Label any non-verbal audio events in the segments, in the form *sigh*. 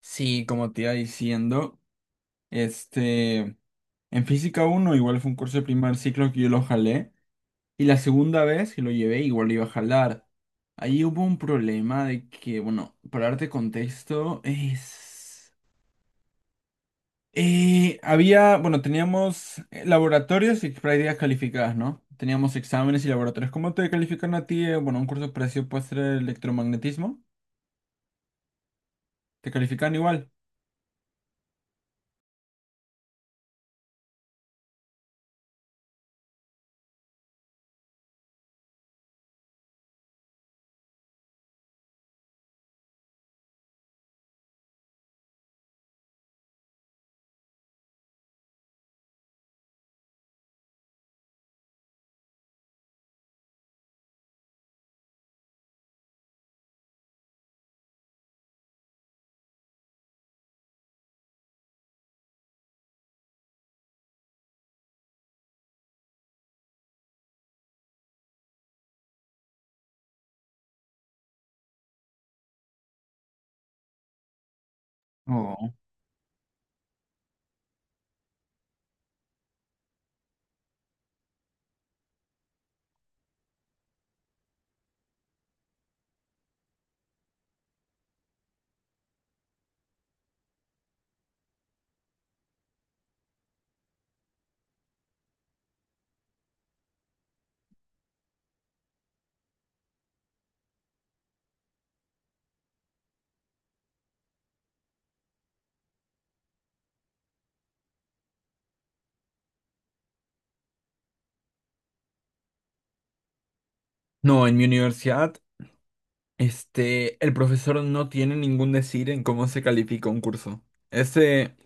Sí, como te iba diciendo, este, en física uno igual fue un curso de primer ciclo que yo lo jalé y la segunda vez que lo llevé igual lo iba a jalar. Ahí hubo un problema de que, bueno, para darte contexto, había, bueno, teníamos laboratorios y prácticas calificadas, ¿no? Teníamos exámenes y laboratorios. ¿Cómo te califican a ti? Bueno, un curso parecido puede ser electromagnetismo. ¿Te califican igual? Oh. No, en mi universidad. El profesor no tiene ningún decir en cómo se califica un curso. Ese,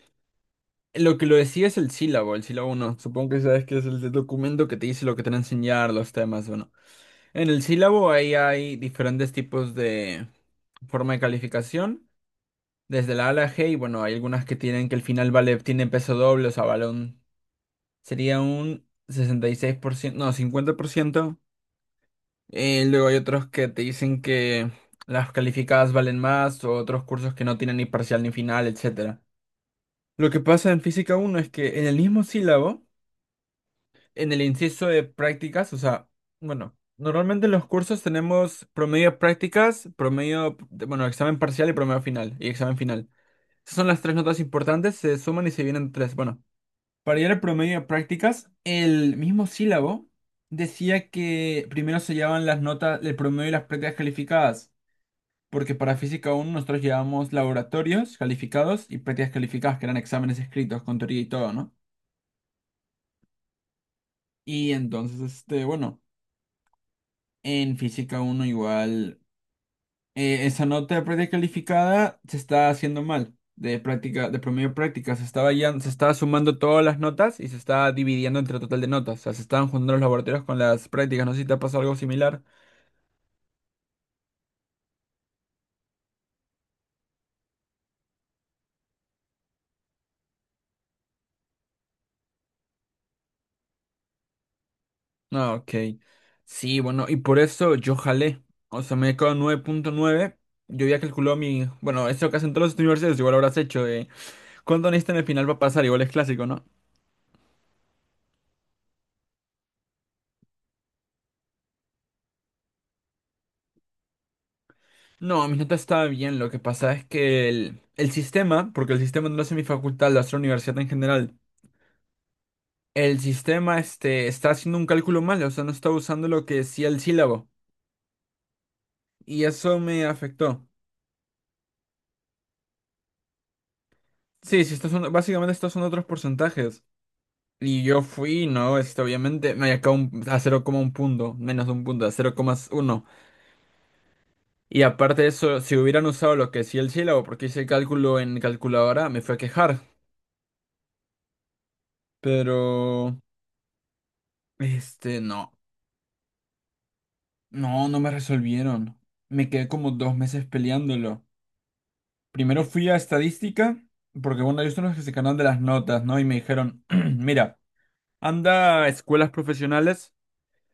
lo que lo decía es el sílabo 1. Supongo que sabes que es el documento que te dice lo que te van a enseñar, los temas, bueno. En el sílabo ahí hay diferentes tipos de forma de calificación, desde la A a la G, y bueno, hay algunas que tienen que el final vale, tiene peso doble, o sea, vale un, sería un 66%, no, 50%. Luego hay otros que te dicen que las calificadas valen más o otros cursos que no tienen ni parcial ni final, etcétera. Lo que pasa en física uno es que en el mismo sílabo, en el inciso de prácticas, o sea, bueno, normalmente en los cursos tenemos promedio de prácticas, promedio, bueno, examen parcial y promedio final, y examen final. Esas son las tres notas importantes, se suman y se vienen tres. Bueno, para llegar al promedio de prácticas, el mismo sílabo decía que primero se llevaban las notas, el promedio y las prácticas calificadas. Porque para Física uno nosotros llevamos laboratorios calificados y prácticas calificadas, que eran exámenes escritos con teoría y todo, ¿no? Y entonces, bueno, en Física uno igual, esa nota de práctica calificada se está haciendo mal. De práctica, de promedio de práctica, se estaba sumando todas las notas y se está dividiendo entre el total de notas. O sea, se estaban juntando los laboratorios con las prácticas. No sé si te ha pasado algo similar. Ah, ok. Sí, bueno, y por eso yo jalé. O sea, me quedó 9.9. Yo había calculado mi. Bueno, eso que hacen todos los universitarios, igual habrás hecho. ¿Cuánto necesitan al final para pasar? Igual es clásico, ¿no? No, mi nota estaba bien. Lo que pasa es que el sistema, porque el sistema no lo hace mi facultad, lo hace la universidad en general. El sistema este, está haciendo un cálculo mal, o sea, no está usando lo que decía el sílabo. Y eso me afectó. Sí, sí, estos son, básicamente estos son otros porcentajes. Y yo fui, no, obviamente, me acá a 0, un punto, menos de un punto, a 0,1. Y aparte de eso, si hubieran usado lo que decía el sílabo, porque hice cálculo en calculadora, me fue a quejar. Pero, no, no, no me resolvieron. Me quedé como dos meses peleándolo. Primero fui a estadística, porque bueno, ellos son los que se encargan de las notas, ¿no? Y me dijeron, *clears throat* mira, anda a escuelas profesionales,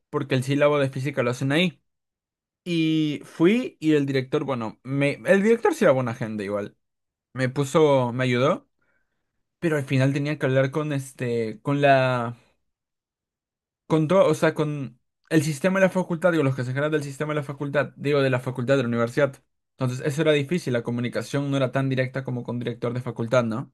porque el sílabo de física lo hacen ahí. Y fui y el director, bueno, el director sí era buena gente igual. Me puso, me ayudó, pero al final tenía que hablar con con la, con todo, o sea, con el sistema de la facultad, digo, los que se encargan del sistema de la facultad, digo, de la facultad de la universidad. Entonces, eso era difícil, la comunicación no era tan directa como con director de facultad, ¿no?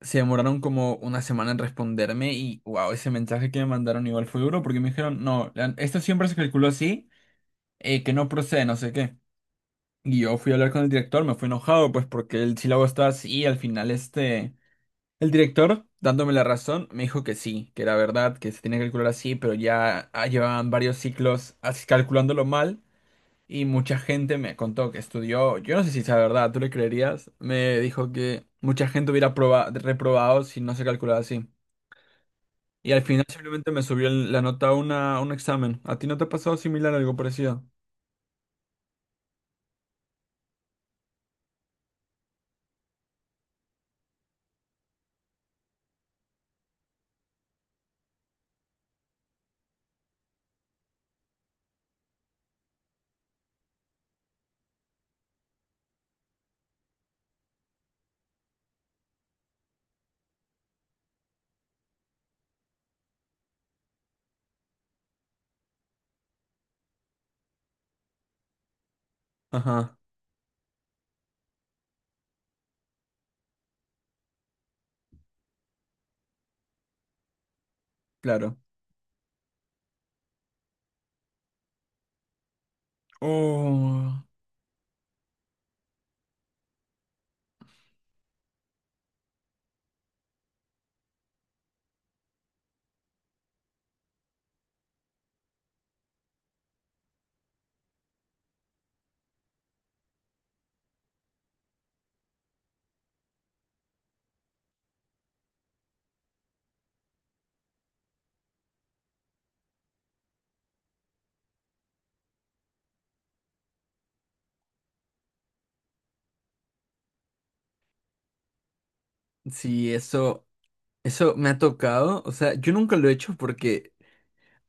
Se demoraron como una semana en responderme y, wow, ese mensaje que me mandaron igual fue duro porque me dijeron, no, esto siempre se calculó así, que no procede, no sé qué. Y yo fui a hablar con el director, me fui enojado, pues porque el sílabo estaba así, y al final El director, dándome la razón, me dijo que sí, que era verdad, que se tenía que calcular así, pero ya llevaban varios ciclos así calculándolo mal, y mucha gente me contó que estudió, yo no sé si sea verdad, ¿tú le creerías? Me dijo que mucha gente hubiera reprobado si no se calculaba así. Y al final simplemente me subió la nota a una, a un examen. ¿A ti no te ha pasado similar algo parecido? Ajá, claro. Oh, sí, eso. Eso me ha tocado, o sea, yo nunca lo he hecho porque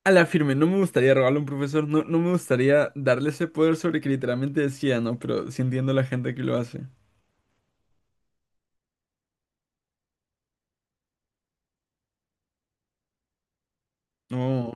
a la firme no me gustaría robarle a un profesor, no, no me gustaría darle ese poder sobre que literalmente decía, ¿no? Pero sí entiendo a la gente que lo hace. No,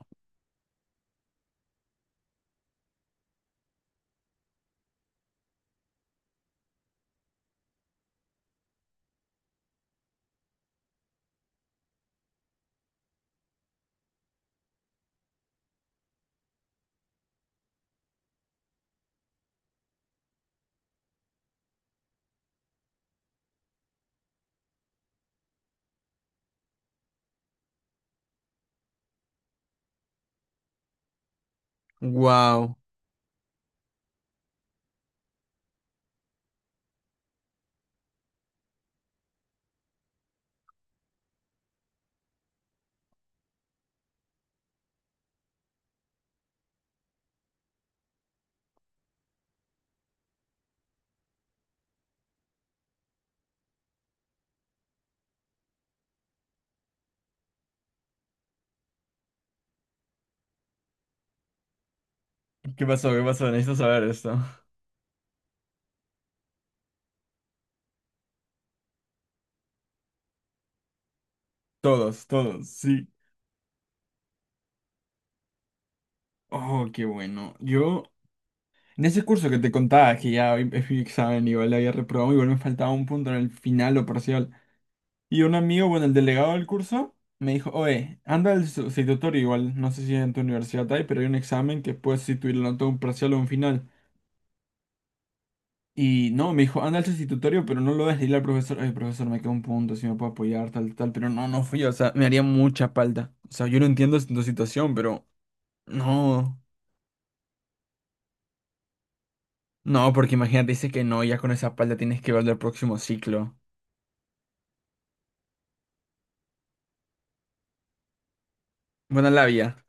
wow. ¿Qué pasó? ¿Qué pasó? Necesito saber esto. Todos, todos, sí. Oh, qué bueno. Yo, en ese curso que te contaba, que ya hoy es mi examen, igual le había reprobado, igual me faltaba un punto en el final o parcial. Y un amigo, bueno, el delegado del curso, me dijo, oye, anda al sustitutorio igual, no sé si en tu universidad hay, pero hay un examen que puedes sustituirlo la nota un parcial o un final. Y no, me dijo, anda al sustitutorio, pero no lo dejes dile al profesor, oye, profesor, me queda un punto, si me puedo apoyar, tal, tal, pero no, no fui, o sea, me haría mucha falta. O sea, yo no entiendo tu situación, pero no, no, porque imagínate, dice que no, ya con esa falta tienes que ver el próximo ciclo. Buena labia,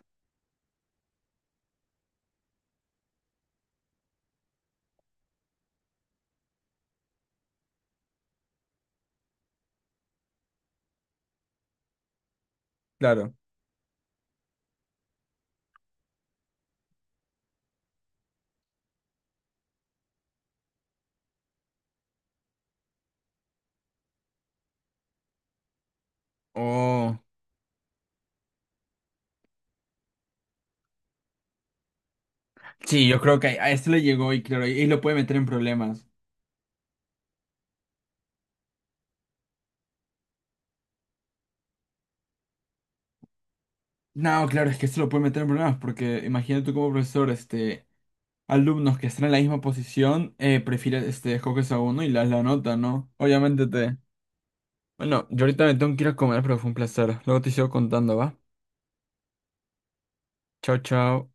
claro. Oh, sí, yo creo que a este le llegó y claro, y lo puede meter en problemas. No, claro, es que eso lo puede meter en problemas, porque imagínate tú como profesor, alumnos que están en la misma posición, prefieres, escoges a uno y le das la nota, ¿no? Obviamente te... Bueno, yo ahorita me tengo que ir a comer, pero fue un placer. Luego te sigo contando, ¿va? Chao, chao.